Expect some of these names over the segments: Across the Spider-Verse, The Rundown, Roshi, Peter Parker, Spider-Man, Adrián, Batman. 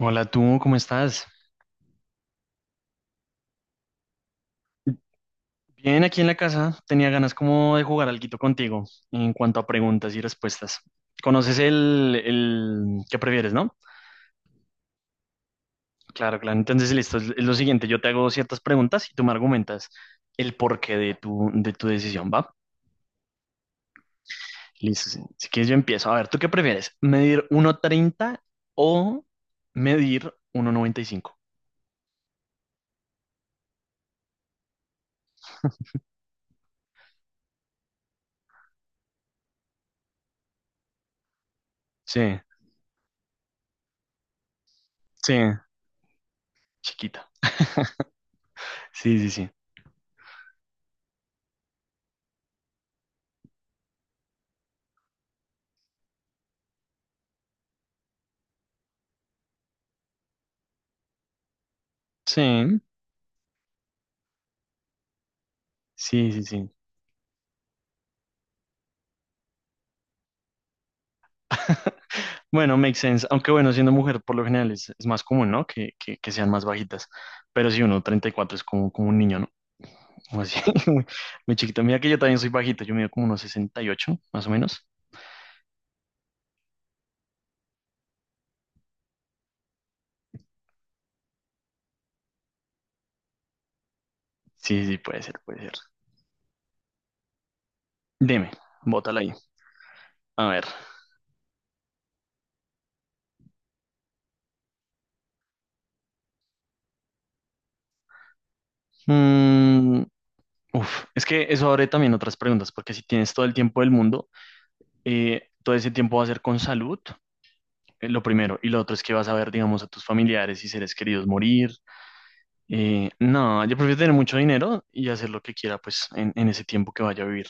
Hola, tú, ¿cómo estás? Bien, aquí en la casa tenía ganas como de jugar alguito contigo en cuanto a preguntas y respuestas. ¿Conoces el qué prefieres, no? Claro, claro. Entonces, listo, es lo siguiente, yo te hago ciertas preguntas y tú me argumentas el porqué de tu decisión, ¿va? Listo, sí. Si quieres yo empiezo. A ver, ¿tú qué prefieres? ¿Medir uno treinta o medir uno noventa y cinco? Sí, sí, chiquita. Sí, sí, sí. Sí, sí, sí, sí. Bueno, makes sense. Aunque bueno, siendo mujer por lo general es más común, ¿no? Que sean más bajitas. Pero si uno 34 es como, como un niño, ¿no? Como así, muy, muy chiquito. Mira que yo también soy bajito, yo mido como unos 68, más o menos. Sí, sí, puede ser, puede ser. Dime, bótala ahí. A ver. Mm, uf, es que eso abre también otras preguntas, porque si tienes todo el tiempo del mundo, todo ese tiempo va a ser con salud, lo primero. Y lo otro es que vas a ver, digamos, a tus familiares y seres queridos morir. No, yo prefiero tener mucho dinero y hacer lo que quiera, pues, en ese tiempo que vaya a vivir,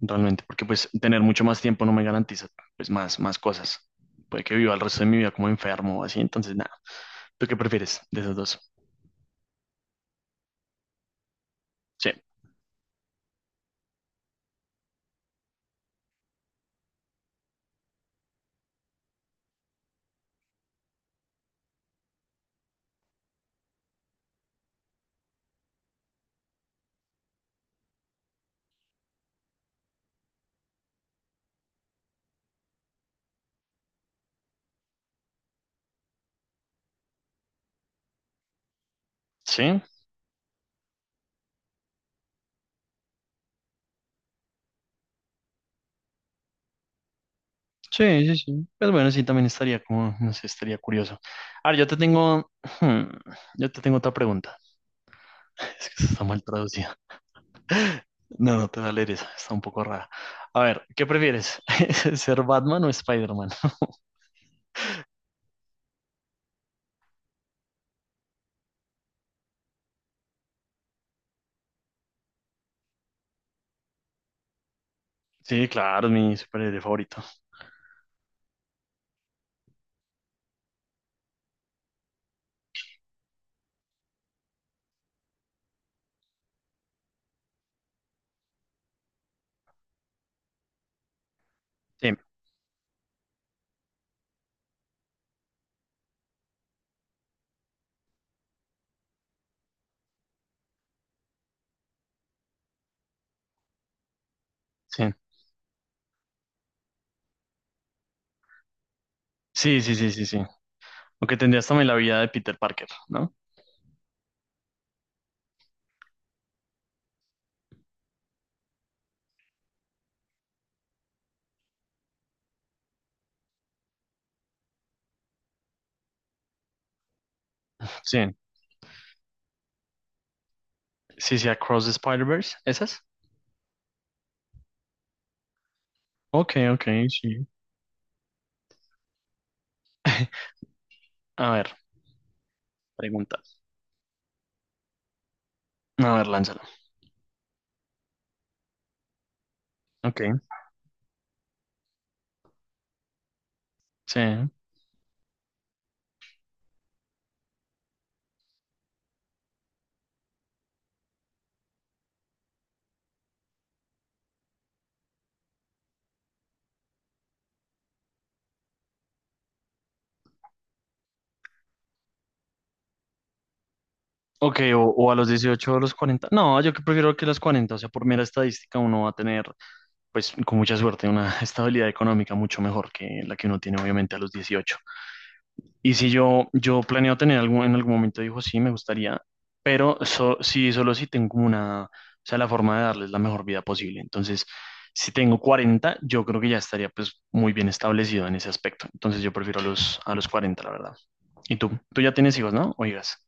realmente, porque, pues, tener mucho más tiempo no me garantiza, pues, más cosas. Puede que viva el resto de mi vida como enfermo o así, entonces, nada. ¿Tú qué prefieres de esos dos? Sí, sí, sí, sí, sí. Pues bueno, sí, también estaría como, no sé, estaría curioso. Ahora, yo te tengo, hmm, yo te tengo otra pregunta. Es que está mal traducida. No, no te da leer esa, está un poco rara. A ver, ¿qué prefieres? ¿Ser Batman o Spider-Man? Sí, claro, es mi superhéroe favorito. Sí, sí, sí, sí, sí, sí, sí. Aunque tendrías también la vida de Peter Parker, ¿no? Sí, sí, sí, Across the Spider-Verse, ¿esas? Ok, ok, sí. A ver, pregunta. A ver, lánzala. Ok, sí. Ok, o a los 18 o a los 40. No, yo que prefiero que a los 40, o sea, por mera estadística uno va a tener, pues con mucha suerte, una estabilidad económica mucho mejor que la que uno tiene obviamente a los 18. Y si yo planeo tener algún, en algún momento, dijo, sí, me gustaría, pero solo si tengo como una, o sea, la forma de darles la mejor vida posible. Entonces, si tengo 40, yo creo que ya estaría pues muy bien establecido en ese aspecto. Entonces, yo prefiero a los 40, la verdad. ¿Y tú? Tú ya tienes hijos, ¿no? Oigas.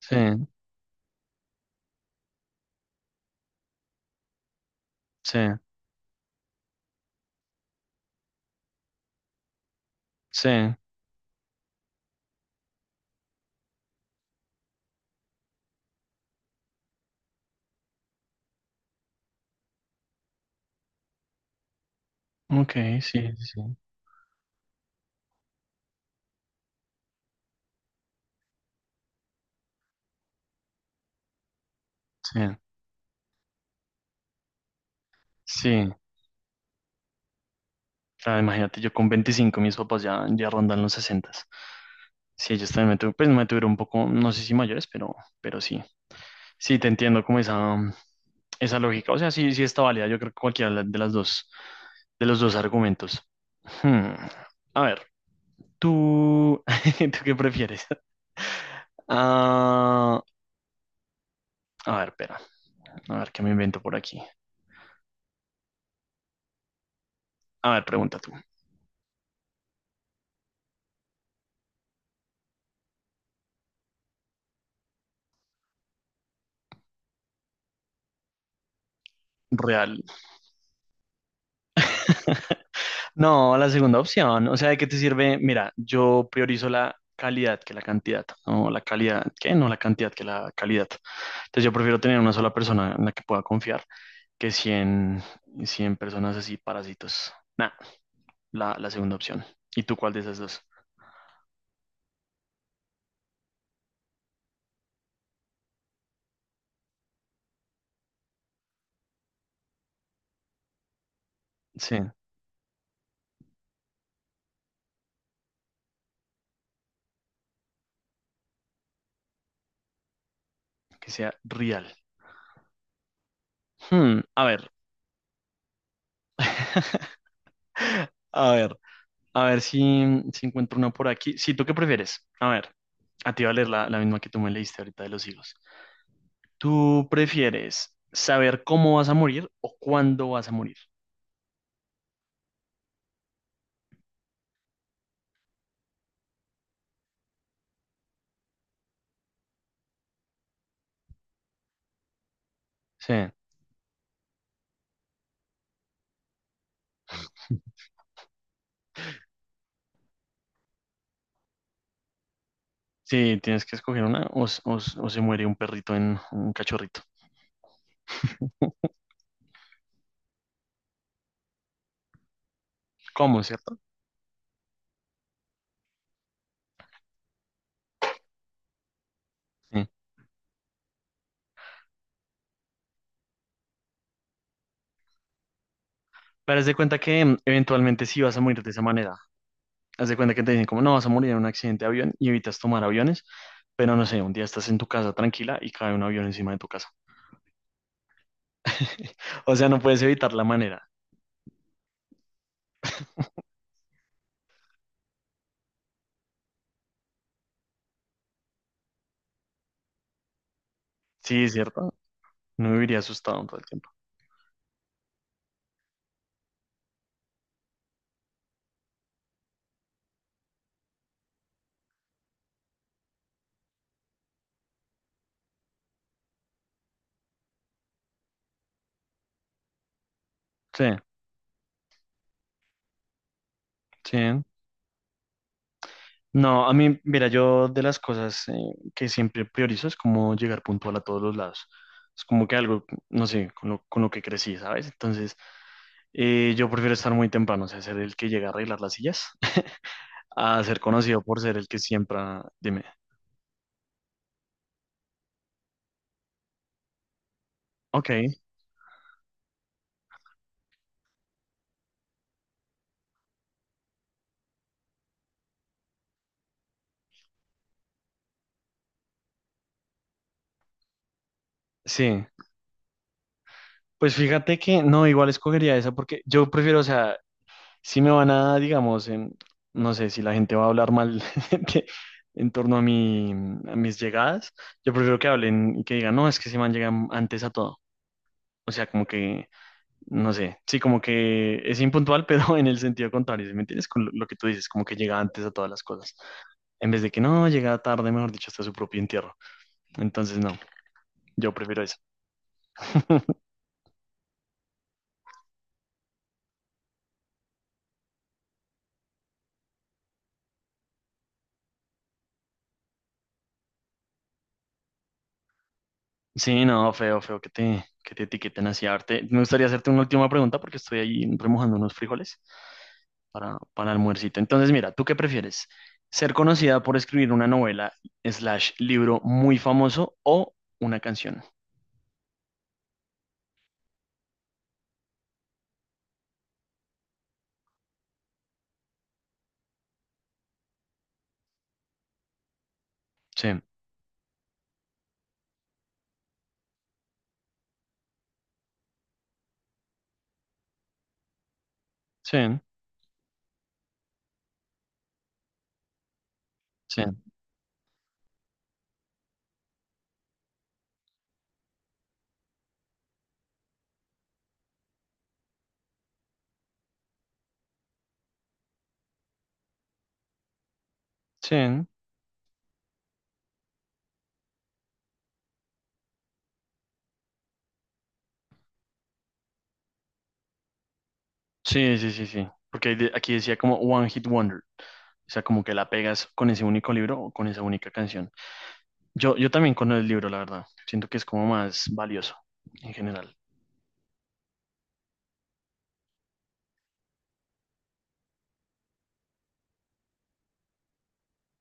Sí. Sí, sí, ok, sí, sí, sí, sí. Claro, imagínate, yo con 25 mis papás ya rondan los 60. Sí, ellos también me tuvieron, pues me tuvieron un poco, no sé si mayores, pero sí. Sí, te entiendo como esa lógica. O sea, sí, sí está válida. Yo creo que cualquiera de de los dos argumentos. Hmm. A ver, tú, ¿tú qué prefieres? Ah, a ver, espera. A ver, ¿qué me invento por aquí? A ver, pregunta tú. Real. No, la segunda opción. O sea, ¿de qué te sirve? Mira, yo priorizo la calidad que la cantidad. No, la calidad, ¿qué? No la cantidad que la calidad. Entonces yo prefiero tener una sola persona en la que pueda confiar que cien personas así parásitos. Nah, la segunda opción. ¿Y tú cuál de esas dos? Sí, que sea real. Hmm, a ver. A ver, a ver si encuentro una por aquí. Sí, ¿tú qué prefieres? A ver, a ti va a leer la misma que tú me leíste ahorita de los higos. ¿Tú prefieres saber cómo vas a morir o cuándo vas a morir? Sí, sí, tienes que escoger una o se muere un perrito en un cachorrito. ¿Cómo, cierto? Sí. Pero haz de cuenta que eventualmente sí vas a morir de esa manera. Haz de cuenta que te dicen como no vas a morir en un accidente de avión y evitas tomar aviones, pero no sé, un día estás en tu casa tranquila y cae un avión encima de tu casa. O sea, no puedes evitar la manera. Sí, cierto. No viviría asustado todo el tiempo. Sí, sí. No, a mí, mira, yo de las cosas que siempre priorizo es como llegar puntual a todos los lados. Es como que algo, no sé, con lo que crecí, ¿sabes? Entonces, yo prefiero estar muy temprano, o sea, ser el que llega a arreglar las sillas, a ser conocido por ser el que siempre... Ah, dime. Ok, sí. Pues fíjate que no, igual escogería esa porque yo prefiero, o sea, si me van a, digamos, no sé si la gente va a hablar mal de- en torno a mi, a mis llegadas, yo prefiero que hablen y que digan, no, es que ese man llega antes a todo. O sea, como que, no sé, sí, como que es impuntual, pero en el sentido contrario, ¿sí? ¿Me entiendes? Con lo que tú dices, como que llega antes a todas las cosas. En vez de que no, llega tarde, mejor dicho, hasta su propio entierro. Entonces, no, yo prefiero eso. Sí, no, feo, feo que te etiqueten así. A ver, me gustaría hacerte una última pregunta porque estoy ahí remojando unos frijoles para almuercito. Entonces, mira, ¿tú qué prefieres? ¿Ser conocida por escribir una novela slash libro muy famoso o una canción? Sí, sí, sí, sí, sí, sí, sí, sí. Porque aquí decía como One Hit Wonder. O sea, como que la pegas con ese único libro o con esa única canción. Yo también con el libro, la verdad. Siento que es como más valioso en general.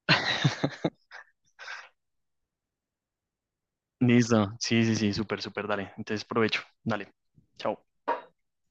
Listo. Sí, sí, sí, súper, súper, dale. Entonces, provecho. Dale. Chao.